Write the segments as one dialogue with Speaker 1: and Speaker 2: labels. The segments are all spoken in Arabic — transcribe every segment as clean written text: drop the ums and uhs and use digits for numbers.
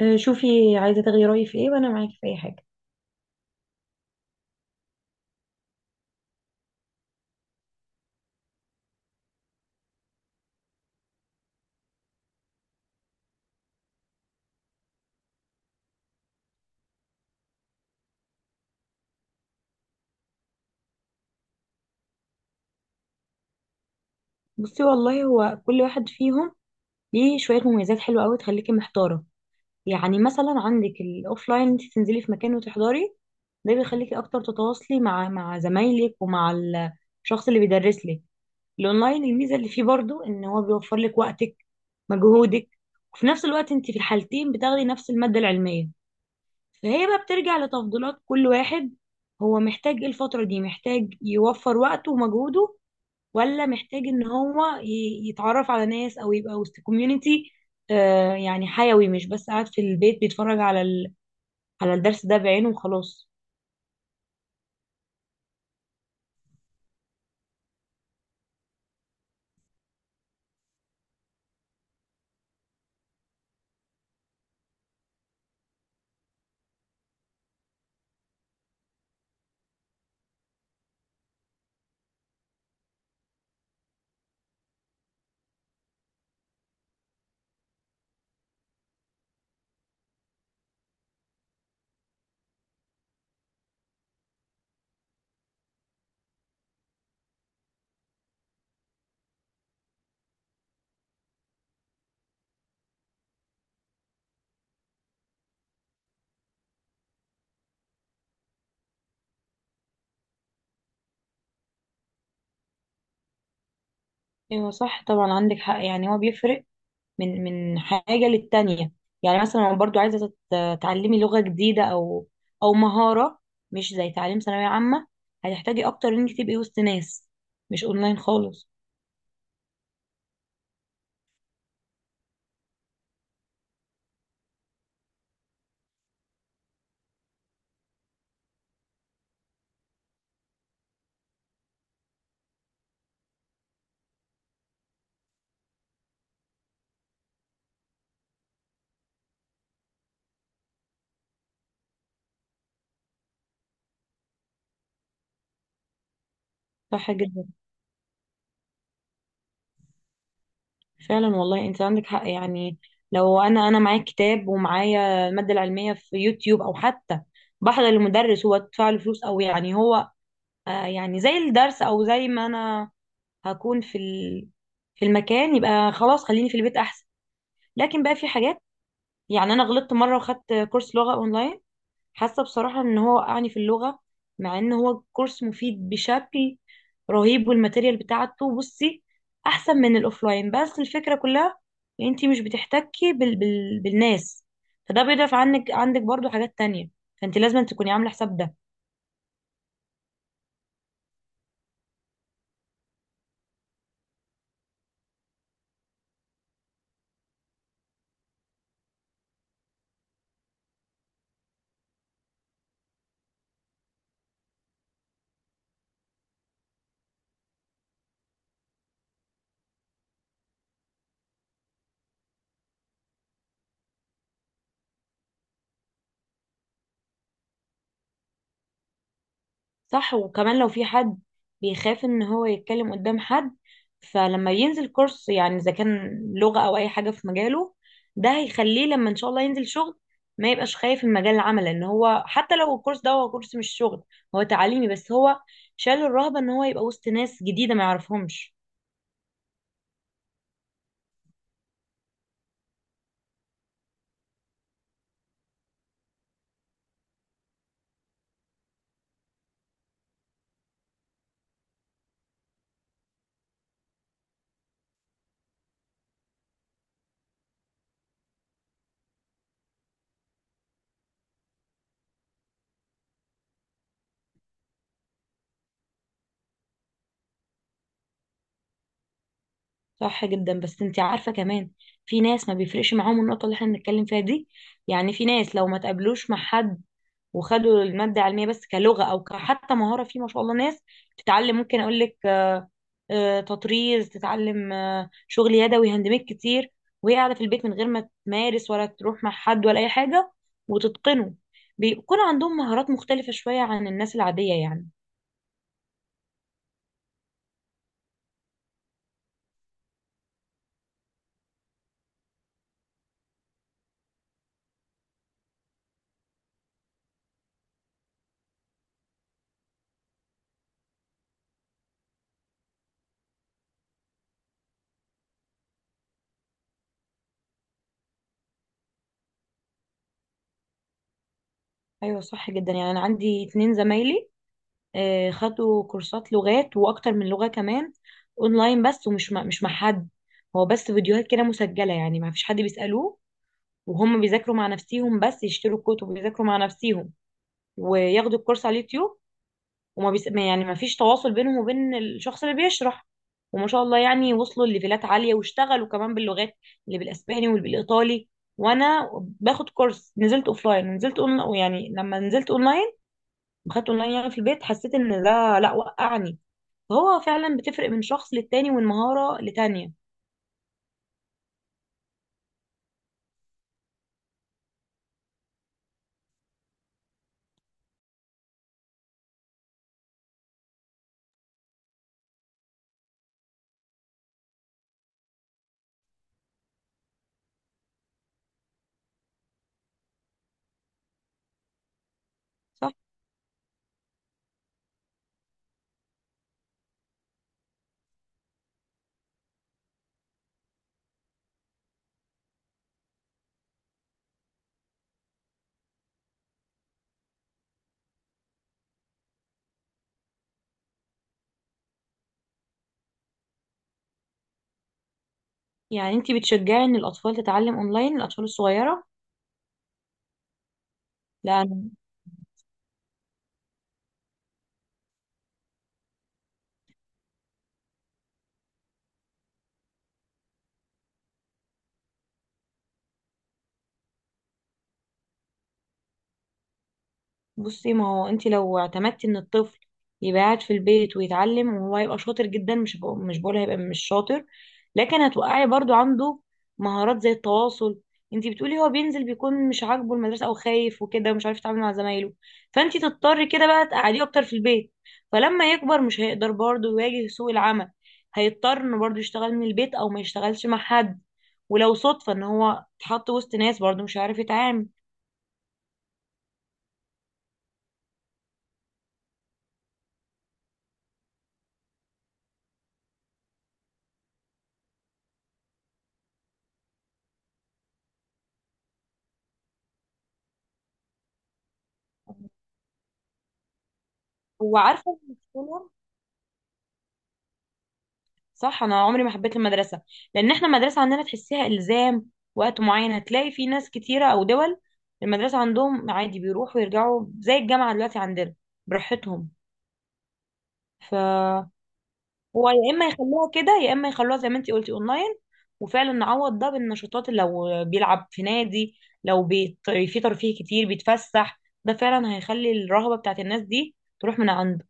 Speaker 1: آه، شوفي، عايزة تغيري رأيي في ايه؟ وانا معاكي في اي حاجة. بصي، والله هو كل واحد فيهم ليه شوية مميزات حلوة قوي تخليكي محتارة. يعني مثلا عندك الاوفلاين، انت تنزلي في مكان وتحضري، ده بيخليكي اكتر تتواصلي مع زمايلك، ومع الشخص اللي بيدرس لك. الاونلاين، الميزة اللي فيه برضو ان هو بيوفر لك وقتك، مجهودك، وفي نفس الوقت انت في الحالتين بتاخدي نفس المادة العلمية. فهي بقى بترجع لتفضيلات كل واحد، هو محتاج ايه الفترة دي، محتاج يوفر وقته ومجهوده، ولا محتاج ان هو يتعرف على ناس او يبقى وسط كوميونتي، يعني حيوي، مش بس قاعد في البيت بيتفرج على الدرس ده بعينه وخلاص. ايوه صح طبعا، عندك حق، يعني هو بيفرق من حاجة للتانية. يعني مثلا لو برضو عايزة تتعلمي لغة جديدة، او مهارة، مش زي تعليم ثانوية عامة، هتحتاجي اكتر انك تبقي وسط ناس، مش اونلاين خالص. صح جدا، فعلا والله انت عندك حق. يعني لو انا معايا كتاب ومعايا الماده العلميه في يوتيوب، او حتى بحضر المدرس هو ادفع له فلوس، او يعني هو يعني زي الدرس، او زي ما انا هكون في المكان، يبقى خلاص خليني في البيت احسن. لكن بقى في حاجات، يعني انا غلطت مره وخدت كورس لغه اونلاين، حاسه بصراحه ان هو وقعني في اللغه، مع ان هو كورس مفيد بشكل رهيب، والماتيريال بتاعته، بصي، احسن من الاوفلاين، بس الفكره كلها ان انت مش بتحتكي بالناس، فده بيضعف عنك، عندك برضو حاجات تانية، فانت لازم تكوني عامله حساب ده. صح، وكمان لو في حد بيخاف ان هو يتكلم قدام حد، فلما ينزل كورس، يعني اذا كان لغة او اي حاجة في مجاله، ده هيخليه لما ان شاء الله ينزل شغل، ما يبقاش خايف من مجال العمل، لان هو حتى لو الكورس ده هو كورس مش شغل، هو تعليمي بس، هو شال الرهبة ان هو يبقى وسط ناس جديدة ما يعرفهمش. صح جدا، بس انت عارفة كمان في ناس ما بيفرقش معاهم النقطة اللي احنا بنتكلم فيها دي. يعني في ناس لو ما تقابلوش مع حد وخدوا المادة علمية، بس كلغة أو حتى مهارة، في ما شاء الله ناس تتعلم، ممكن أقول لك، تطريز، تتعلم شغل يدوي، هاند ميد كتير، وهي قاعدة في البيت من غير ما تمارس ولا تروح مع حد ولا أي حاجة، وتتقنه. بيكون عندهم مهارات مختلفة شوية عن الناس العادية يعني. أيوة صح جدا. يعني أنا عندي اتنين زمايلي خدوا كورسات لغات، وأكتر من لغة كمان، أونلاين بس، ومش مع- مش مع حد، هو بس فيديوهات كده مسجلة، يعني ما فيش حد بيسألوه، وهم بيذاكروا مع نفسيهم، بس يشتروا الكتب ويذاكروا مع نفسيهم، وياخدوا الكورس على اليوتيوب، وما بيس... ما- يعني ما فيش تواصل بينهم وبين الشخص اللي بيشرح، وما شاء الله يعني وصلوا لليفلات عالية واشتغلوا كمان باللغات، اللي بالاسباني واللي بالايطالي. وانا باخد كورس، نزلت اوفلاين ونزلت اونلاين، يعني لما نزلت اونلاين وخدت اونلاين يعني في البيت، حسيت ان ده لا، وقعني. فهو فعلا بتفرق من شخص للتاني ومن مهارة لتانية. صح، يعني انتي بتشجعي ان الاطفال تتعلم اونلاين، الاطفال الصغيرة؟ لا، بصي، ما هو انت لو اعتمدتي ان الطفل يبقى قاعد في البيت ويتعلم، وهو هيبقى شاطر جدا، مش بقول هيبقى مش شاطر، لكن هتوقعي برضو عنده مهارات زي التواصل. انت بتقولي هو بينزل بيكون مش عاجبه المدرسه او خايف وكده، ومش عارف يتعامل مع زمايله، فانت تضطري كده بقى تقعديه اكتر في البيت. فلما يكبر مش هيقدر برضو يواجه سوق العمل، هيضطر انه برضو يشتغل من البيت او ما يشتغلش مع حد، ولو صدفه ان هو اتحط وسط ناس برضو مش عارف يتعامل. وعارفه المشكله؟ صح، انا عمري ما حبيت المدرسه، لان احنا المدرسه عندنا تحسيها الزام وقت معين، هتلاقي في ناس كتيره او دول المدرسه عندهم عادي بيروحوا ويرجعوا زي الجامعه دلوقتي عندنا، براحتهم. ف هو يا اما يخلوها كده، يا اما يخلوها زي ما انتي قلتي اونلاين، وفعلا نعوض ده بالنشاطات، اللي لو بيلعب في نادي، لو في ترفيه كتير بيتفسح، ده فعلا هيخلي الرهبه بتاعت الناس دي تروح من عنده.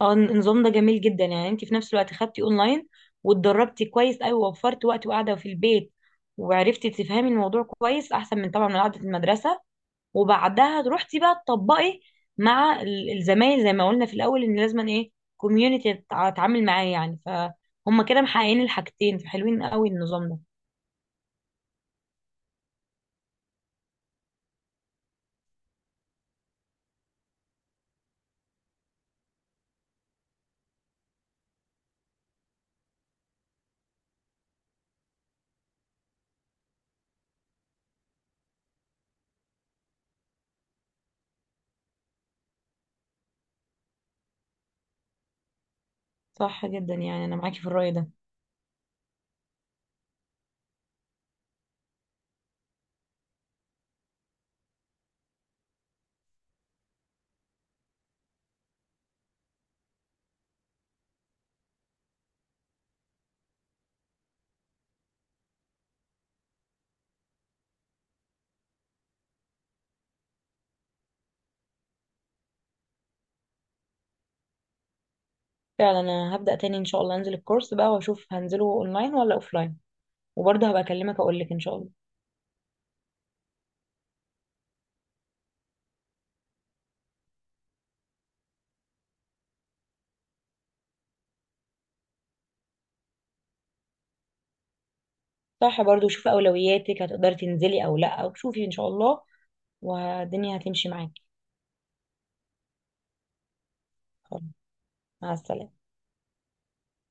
Speaker 1: اه، النظام ده جميل جدا. يعني انت في نفس الوقت خدتي اونلاين، واتدربتي كويس قوي ووفرتي وقت وقاعده في البيت، وعرفتي تفهمي الموضوع كويس احسن من طبعا من قعده المدرسه، وبعدها روحتي بقى تطبقي مع الزمايل زي ما قلنا في الاول، ان لازم ايه، كوميونتي اتعامل معاه، يعني فهم كده محققين الحاجتين، فحلوين قوي النظام ده. صح جدا، يعني انا معاكي في الرأي ده. فعلا انا هبدأ تاني ان شاء الله انزل الكورس بقى واشوف هنزله اونلاين ولا اوفلاين، وبرضه هبقى اكلمك اقول لك ان شاء الله. صح، برضو شوفي أولوياتك، هتقدري تنزلي أو لأ، وشوفي إن شاء الله والدنيا هتمشي معاكي. خلاص، مع السلامة.